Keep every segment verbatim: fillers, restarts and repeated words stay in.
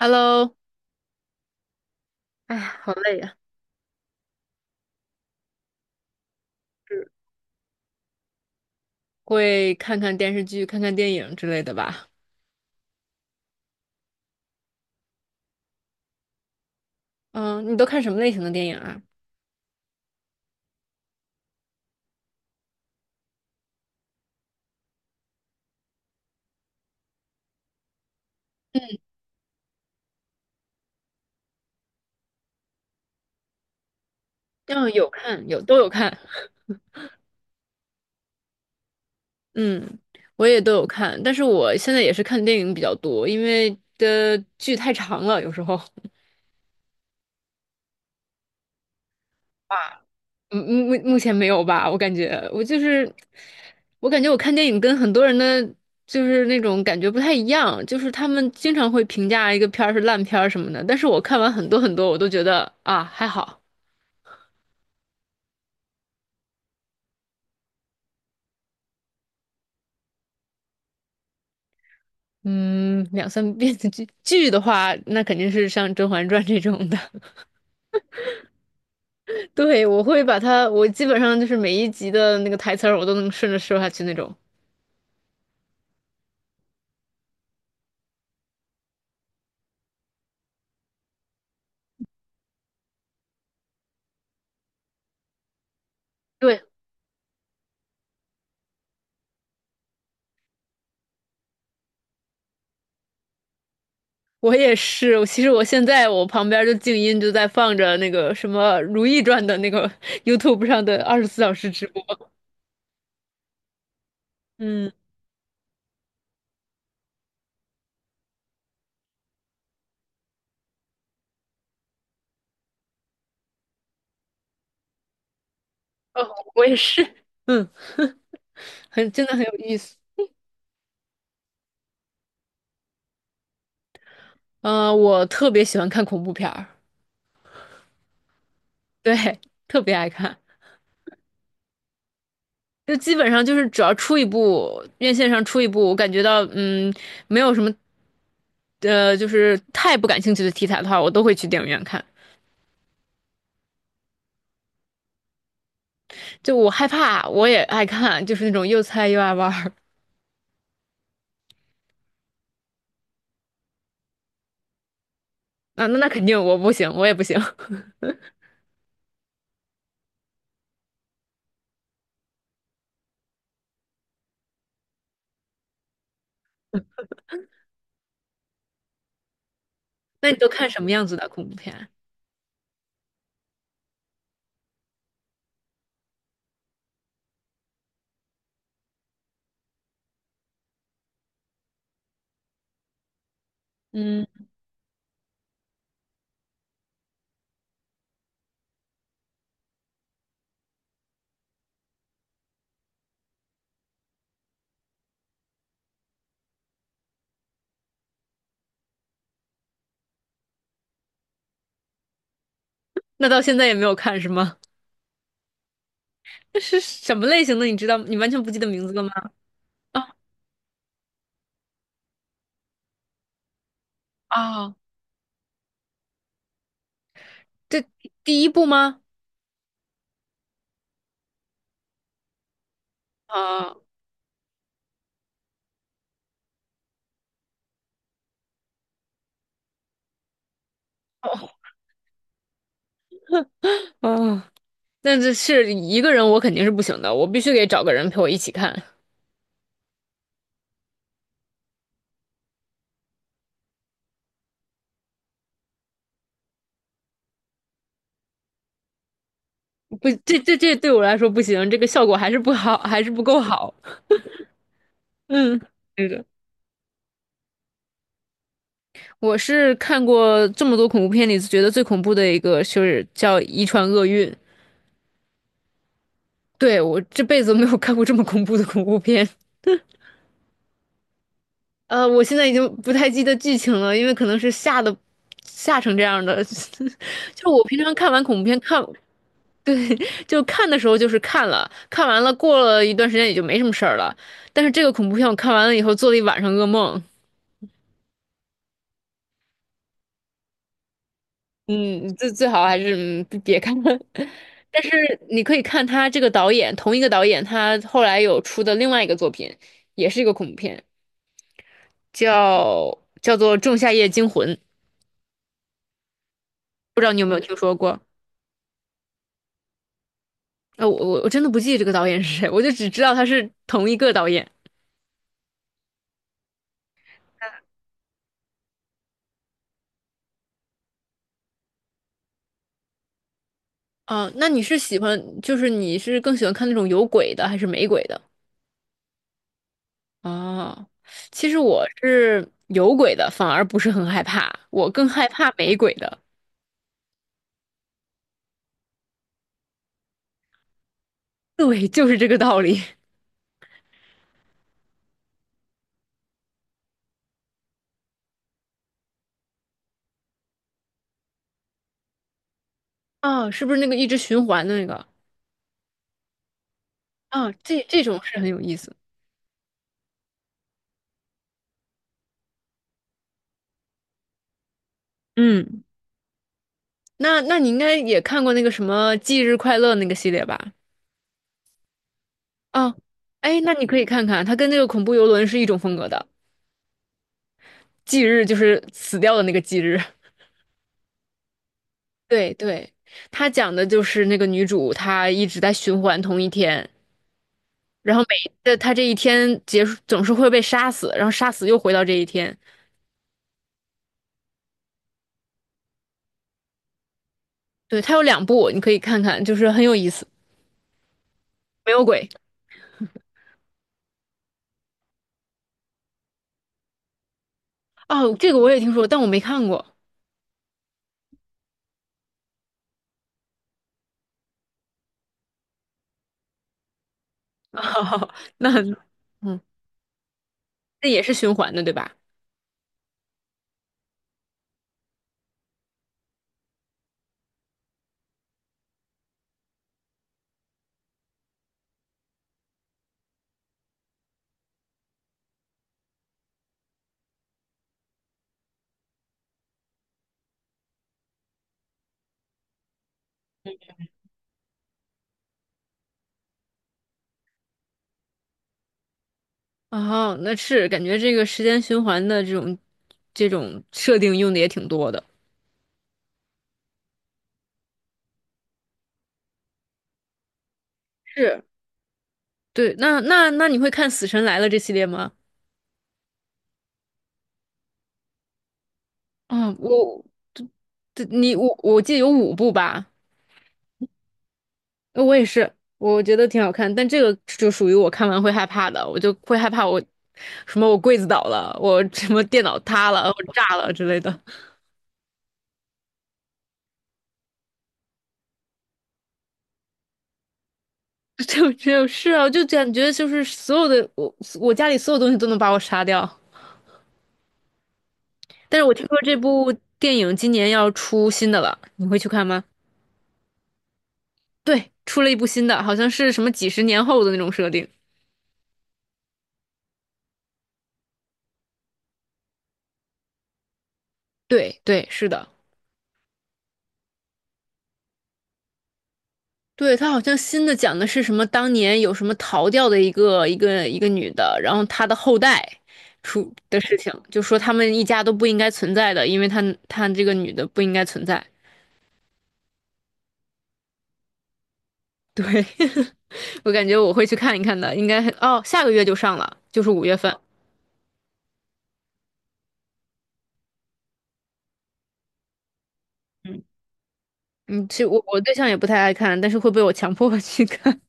Hello，哎呀，好累呀！是会看看电视剧、看看电影之类的吧？嗯，你都看什么类型的电影啊？嗯，有看，有都有看。嗯，我也都有看，但是我现在也是看电影比较多，因为的剧太长了，有时候。哇 嗯，目目前没有吧？我感觉我就是，我感觉我看电影跟很多人的就是那种感觉不太一样，就是他们经常会评价一个片儿是烂片儿什么的，但是我看完很多很多，我都觉得啊还好。嗯，两三遍的剧剧的话，那肯定是像《甄嬛传》这种的。对，我会把它，我基本上就是每一集的那个台词儿，我都能顺着说下去那种。对，我也是，我其实我现在我旁边儿就静音就在放着那个什么《如懿传》的那个 YouTube 上的二十四小时直播。嗯，哦，我也是。嗯，很，真的很有意思。嗯、我特别喜欢看恐怖片儿，对，特别爱看。就基本上就是只要出一部，院线上出一部，我感觉到嗯，没有什么，呃，就是太不感兴趣的题材的话，我都会去电影院看。就我害怕，我也爱看，就是那种又菜又爱玩儿啊。那那肯定我不行，我也不行。那你都看什么样子的恐怖片？嗯，那到现在也没有看是吗？那是什么类型的？你知道？你完全不记得名字了吗？啊啊，这第一部吗？啊哦哦。但这是一个人，我肯定是不行的，我必须得找个人陪我一起看。不，这这这对我来说不行，这个效果还是不好，还是不够好。嗯，对的，我是看过这么多恐怖片里觉得最恐怖的一个，就是叫《遗传厄运》。对我这辈子没有看过这么恐怖的恐怖片。呃，我现在已经不太记得剧情了，因为可能是吓的吓成这样的。就我平常看完恐怖片，看 对，就看的时候就是看了，看完了过了一段时间也就没什么事儿了。但是这个恐怖片我看完了以后做了一晚上噩梦，嗯，最最好还是嗯别看了。但是你可以看他这个导演，同一个导演，他后来有出的另外一个作品，也是一个恐怖片，叫叫做《仲夏夜惊魂》，不知道你有没有听说过？那我我我真的不记得这个导演是谁，我就只知道他是同一个导演。啊，那你是喜欢，就是你是更喜欢看那种有鬼的还是没鬼的？哦，其实我是有鬼的，反而不是很害怕，我更害怕没鬼的。对，就是这个道理。啊，是不是那个一直循环的那个？啊，这这种是很有意思。嗯，那那你应该也看过那个什么《忌日快乐》那个系列吧？啊，哎，那你可以看看，它跟那个恐怖游轮是一种风格的。忌日就是死掉的那个忌日。对对，它讲的就是那个女主她一直在循环同一天，然后每这他这一天结束总是会被杀死，然后杀死又回到这一天。对，他有两部，你可以看看，就是很有意思。没有鬼哦，这个我也听说，但我没看过。哦 那嗯，那也是循环的，对吧？哦，那是感觉这个时间循环的这种这种设定用的也挺多的。是，对，那那那你会看《死神来了》这系列吗？嗯，我，这这，你我我记得有五部吧。呃我也是，我觉得挺好看，但这个就属于我看完会害怕的，我就会害怕我什么我柜子倒了，我什么电脑塌了，我炸了之类的。就就是啊，就感觉就是所有的我我家里所有东西都能把我杀掉。但是我听说这部电影今年要出新的了，你会去看吗？对，出了一部新的，好像是什么几十年后的那种设定。对对，是的。对，他好像新的讲的是什么？当年有什么逃掉的一个一个一个女的，然后她的后代出的事情，就说他们一家都不应该存在的，因为她她这个女的不应该存在。对，我感觉我会去看一看的，应该哦，下个月就上了，就是五月份。嗯嗯，其实我我对象也不太爱看，但是会被我强迫去看，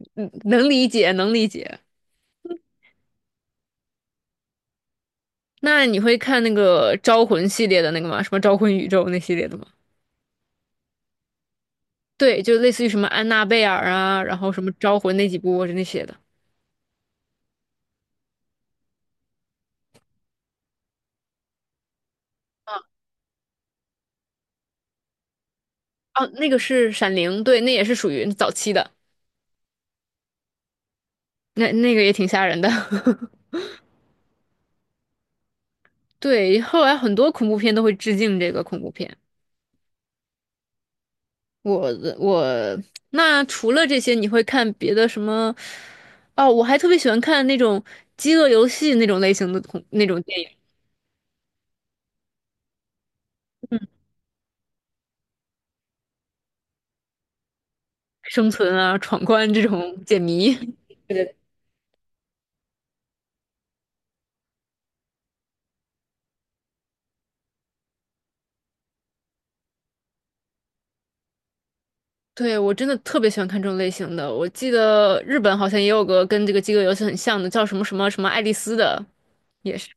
嗯，能理解，能理解。那你会看那个《招魂》系列的那个吗？什么《招魂宇宙》那系列的吗？对，就类似于什么安娜贝尔啊，然后什么招魂那几部那些的。哦，那个是《闪灵》，对，那也是属于早期的，那那个也挺吓人的。对，后来很多恐怖片都会致敬这个恐怖片。我我那除了这些，你会看别的什么？哦，我还特别喜欢看那种饥饿游戏那种类型的恐那种电影，生存啊、闯关这种解谜。对。对，我真的特别喜欢看这种类型的。我记得日本好像也有个跟这个饥饿游戏很像的，叫什么什么什么爱丽丝的，也是，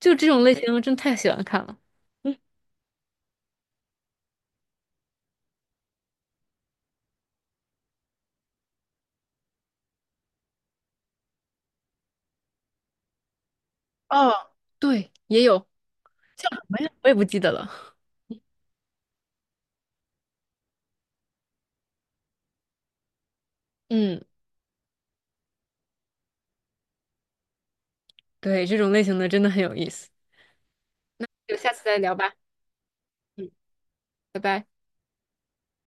就这种类型，我真太喜欢看了。嗯，哦，对，也有叫什么呀？我也不记得了。嗯，对，这种类型的真的很有意思。就下次再聊吧。嗯，拜拜。